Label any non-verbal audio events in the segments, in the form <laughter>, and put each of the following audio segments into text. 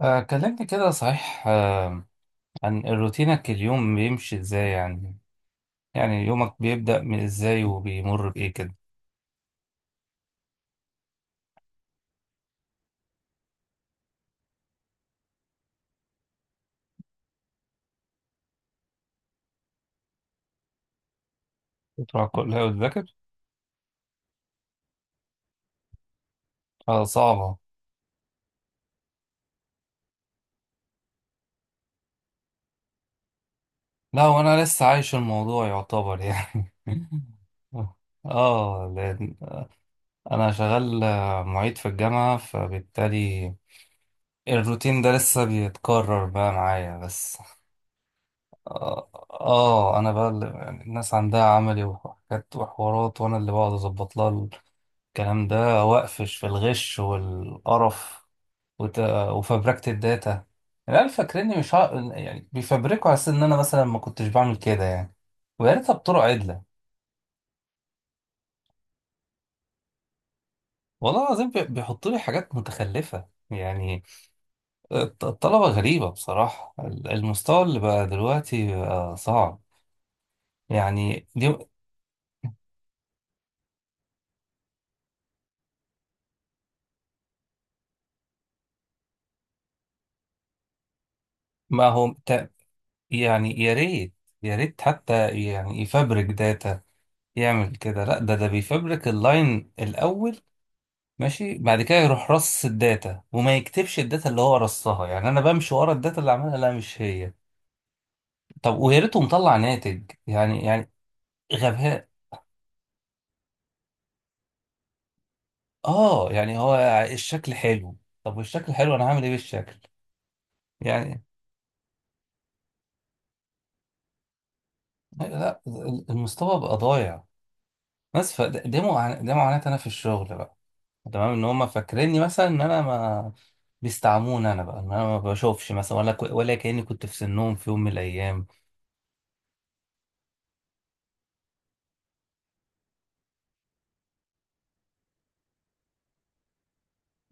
آه، كلمني كده صحيح آه، عن روتينك. اليوم بيمشي ازاي يعني، يعني يومك بيبدأ من ازاي وبيمر بإيه كده؟ بتروح كلها وتذاكر. آه صعبة. لا وانا لسه عايش الموضوع يعتبر يعني. <laughs> اه لأن انا شغال آه، معيد في الجامعة، فبالتالي الروتين ده لسه بيتكرر بقى معايا. بس اه, آه انا بقى يعني الناس عندها عملي وحاجات وحوارات، وانا اللي بقعد اظبط لها الكلام ده. وقفش في الغش والقرف وت... وفبركة الداتا. العيال فاكريني مش ع... يعني بيفبركوا على أساس إن أنا مثلا ما كنتش بعمل كده يعني. ويا ريتها بطرق عدلة. والله العظيم بيحطوا لي حاجات متخلفة يعني. الطلبة غريبة بصراحة، المستوى اللي بقى دلوقتي بقى صعب. يعني دي. ما هو ت- يعني يا ريت، يا ريت حتى يعني يفبرك داتا يعمل كده. لا، ده بيفبرك اللاين الأول ماشي، بعد كده يروح رص الداتا وما يكتبش الداتا اللي هو رصها. يعني انا بمشي ورا الداتا اللي عملها، لا مش هي. طب ويا ريته مطلع ناتج، يعني يعني غباء. اه يعني هو الشكل حلو. طب والشكل حلو انا هعمل ايه بالشكل؟ يعني لا، المستوى بقى ضايع. بس فده، ده معاناة انا في الشغل بقى. تمام، ان هم فاكريني مثلا ان انا ما بيستعموني، انا بقى ان انا ما بشوفش مثلا، ولا ولا كأني كنت في سنهم في يوم من الايام.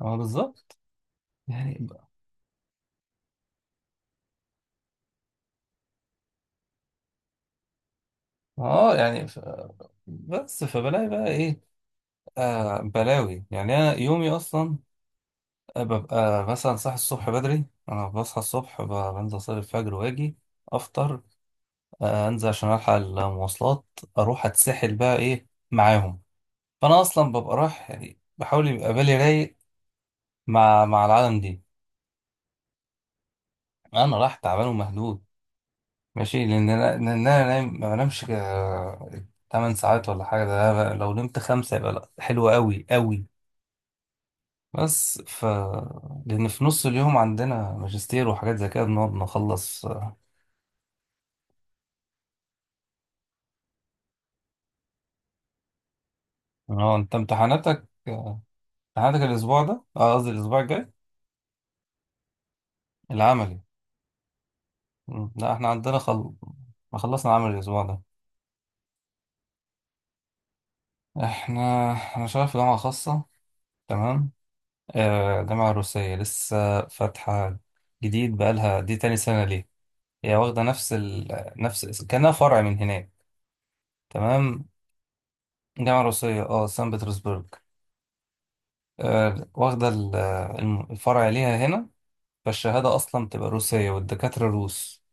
اه بالظبط يعني. اه يعني ف... بس فبلاقي بقى ايه؟ آه بلاوي. يعني انا يومي اصلا آه، ببقى مثلا صاحي الصبح بدري. انا بصحى الصبح، بنزل اصلي الفجر واجي افطر، آه انزل عشان الحق المواصلات، اروح اتسحل بقى ايه معاهم. فانا اصلا ببقى رايح، يعني بحاول يبقى بالي رايق مع العالم دي. انا رايح تعبان ومهدود ماشي، لان انا لأن أنا نايم ما بنامش 8 ساعات ولا حاجه. ده بقى لو نمت خمسه يبقى لا حلو قوي قوي. بس لأن في نص اليوم عندنا ماجستير وحاجات زي كده بنقعد نخلص آه،. اه انت امتحاناتك آه، امتحاناتك الأسبوع ده، اه قصدي الأسبوع الجاي؟ العملي. مم، لا احنا عندنا ما خلصنا عمل الأسبوع ده. احنا، أنا شغال في جامعة خاصة، تمام. آه جامعة روسية لسه فاتحة جديد، بقالها دي تاني سنة ليه. هي واخدة نفس كأنها فرع من هناك، تمام. جامعة روسية اه، سان بطرسبرغ. آه، واخدة آه، الفرع ليها هنا. فالشهادة أصلا بتبقى روسية والدكاترة روس.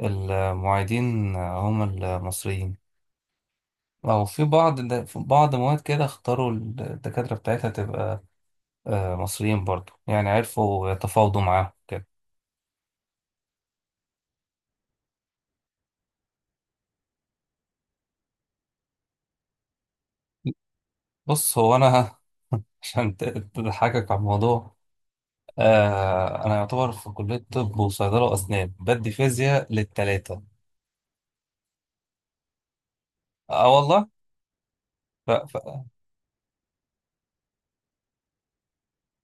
المعيدين آه، هم المصريين. أو في بعض في بعض مواد كده اختاروا الدكاترة بتاعتها تبقى آه، مصريين برضو. يعني عرفوا يتفاوضوا معاهم كده. بص هو أنا. <laughs> عشان تضحكك على الموضوع، آه، أنا يعتبر في كلية طب وصيدلة وأسنان بدي فيزياء للتلاتة. أه والله.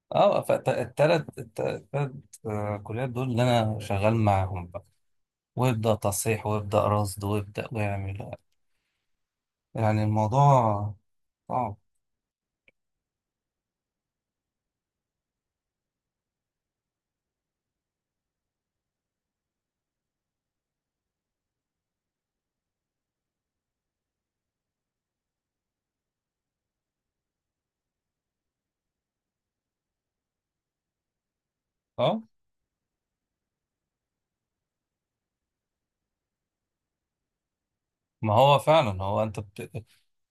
اه التلات آه، كليات دول اللي انا شغال معاهم بقى، ويبدأ تصحيح ويبدأ رصد ويبدأ ويعمل. يعني الموضوع صعب. اه. ما هو فعلا هو انت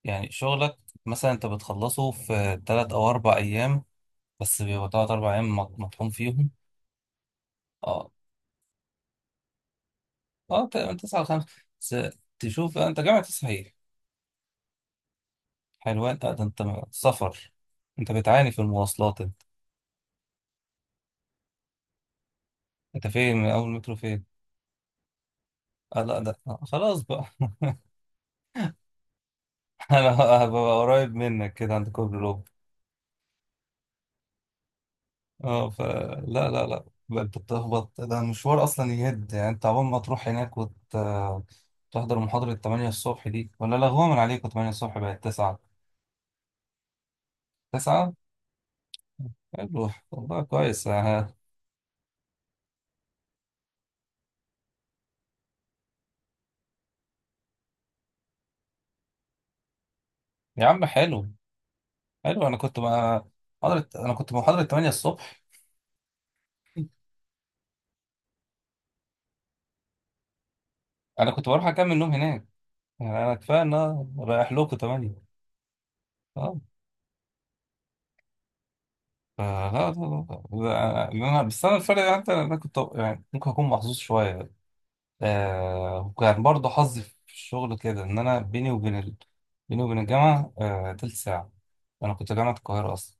يعني شغلك مثلا انت بتخلصه في تلات او اربع ايام، بس بيبقى تلات اربع ايام مطحون فيهم. اه. اه تقريبا تسعة لخمسة بس. تشوف انت جامعة تصحيح. حلوان، لا ده انت سفر، انت بتعاني في المواصلات انت. انت فين من اول مترو فين؟ اه لا ده آه، خلاص بقى. <laughs> انا هبقى قريب منك كده عند كوبري لوب. اه فلا لا لا لا، بقى انت بتخبط، ده المشوار اصلا يهد، يعني انت عقبال ما تروح هناك وتحضر محاضرة 8 الصبح دي، ولا لغوها من عليكم 8 الصبح بقت 9. 9 حلو والله كويس آه. يا عم حلو. حلو، انا كنت بقى محاضرة، انا كنت محاضرة 8 الصبح. انا كنت بروح اكمل نوم هناك، يعني انا كفايه ان انا رايح لكم 8. اه آه لا، لا لا لا انا بس، انا الفرق يعني انت، انا كنت يعني ممكن اكون محظوظ شويه آه. وكان برضه حظي في الشغل كده ان انا بيني وبين الجامعه آه تلت ساعه. انا كنت جامعه القاهره اصلا،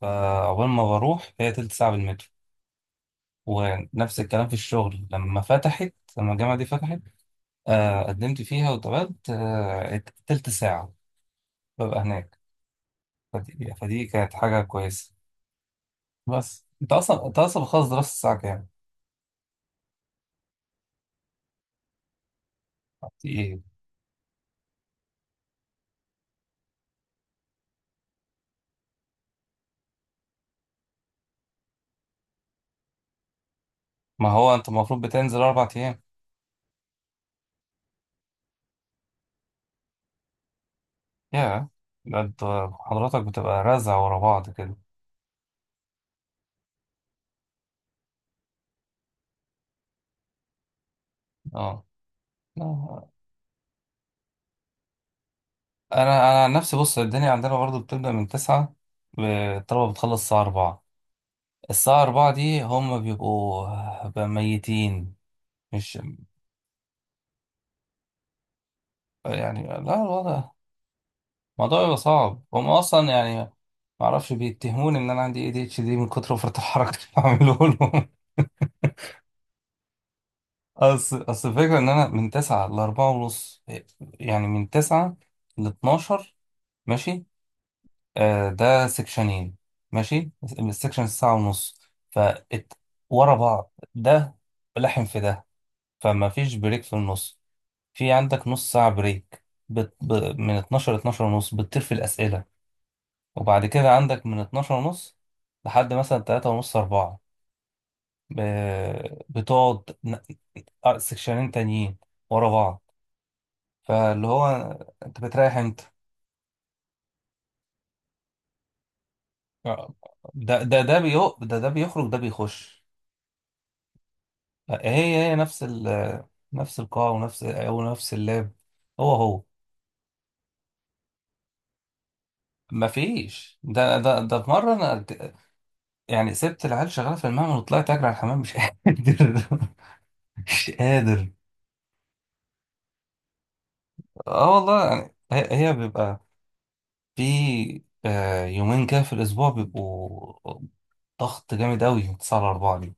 فعقبال ما بروح هي تلت ساعه بالمترو. ونفس الكلام في الشغل لما فتحت، لما الجامعه دي فتحت، آه قدمت فيها واتقبلت آه تلت ساعه ببقى هناك. فدي كانت حاجه كويسه. بس انت اصلا، بتخلص دراسه الساعه كام؟ ما هو انت المفروض بتنزل اربع ايام. يا، ده انت حضرتك بتبقى رزع ورا بعض كده. اه آه. انا انا عن نفسي، بص الدنيا عندنا برضو بتبدا من تسعة، ب- الطلبه بتخلص الساعه أربعة. الساعه أربعة دي هم بيبقوا بقى ميتين. مش، يعني لا الوضع، الموضوع بيبقى صعب هم اصلا يعني، ما اعرفش بيتهموني ان انا عندي اي دي اتش دي من كتر فرط الحركه اللي بعمله. اصل الفكره ان انا من 9 ل 4 ونص، يعني من 9 ل 12 ماشي، آه ده سكشنين ماشي، السكشن ساعه ونص. ف ورا بعض ده لحم في ده، فما فيش بريك في النص، في عندك نص ساعه بريك بت... ب... من 12 ل 12 ونص بتطير في الاسئله، وبعد كده عندك من 12 ونص لحد مثلا 3 ونص 4، ب... بتقعد آه، سكشنين تانيين ورا بعض. فاللي هو انت بتريح امتى؟ آه. ده بيخرج ده بيخش. هي هي نفس القاع ونفس او نفس اللاب. هو مفيش. ده ده ده في مره انا يعني سبت العيال شغاله في المعمل وطلعت اجري على الحمام مش <laughs> قادر. مش قادر. اه والله. يعني هي بيبقى في آه، يومين كده في الاسبوع بيبقوا ضغط جامد قوي 9 على 4 دي.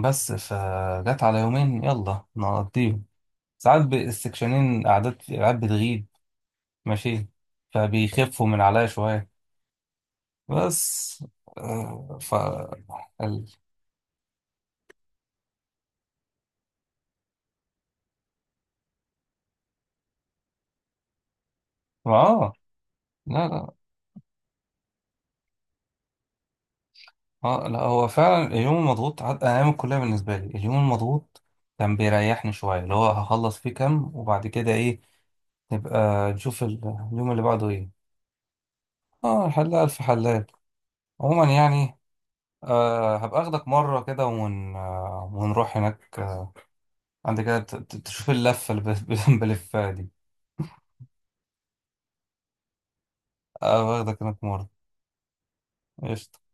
بس فجت على يومين يلا نقضيهم. ساعات السكشنين قعدات العيال بتغيب ماشي، فبيخفوا من عليا شوية. بس آه، ال... اه لا لا. اه لا هو فعلا اليوم المضغوط انا ايام الكلية بالنسبة لي اليوم المضغوط كان بيريحني شوية. اللي هو هخلص فيه كام وبعد كده ايه نبقى نشوف اليوم اللي بعده ايه. اه الحلاقة الف حلال. عموما يعني آه، هبقى اخدك مرة كده آه، ونروح هناك آه، عندك كده تشوف اللفة اللي <laughs> بلفها دي. اه واخدك هناك مرة. قشطة.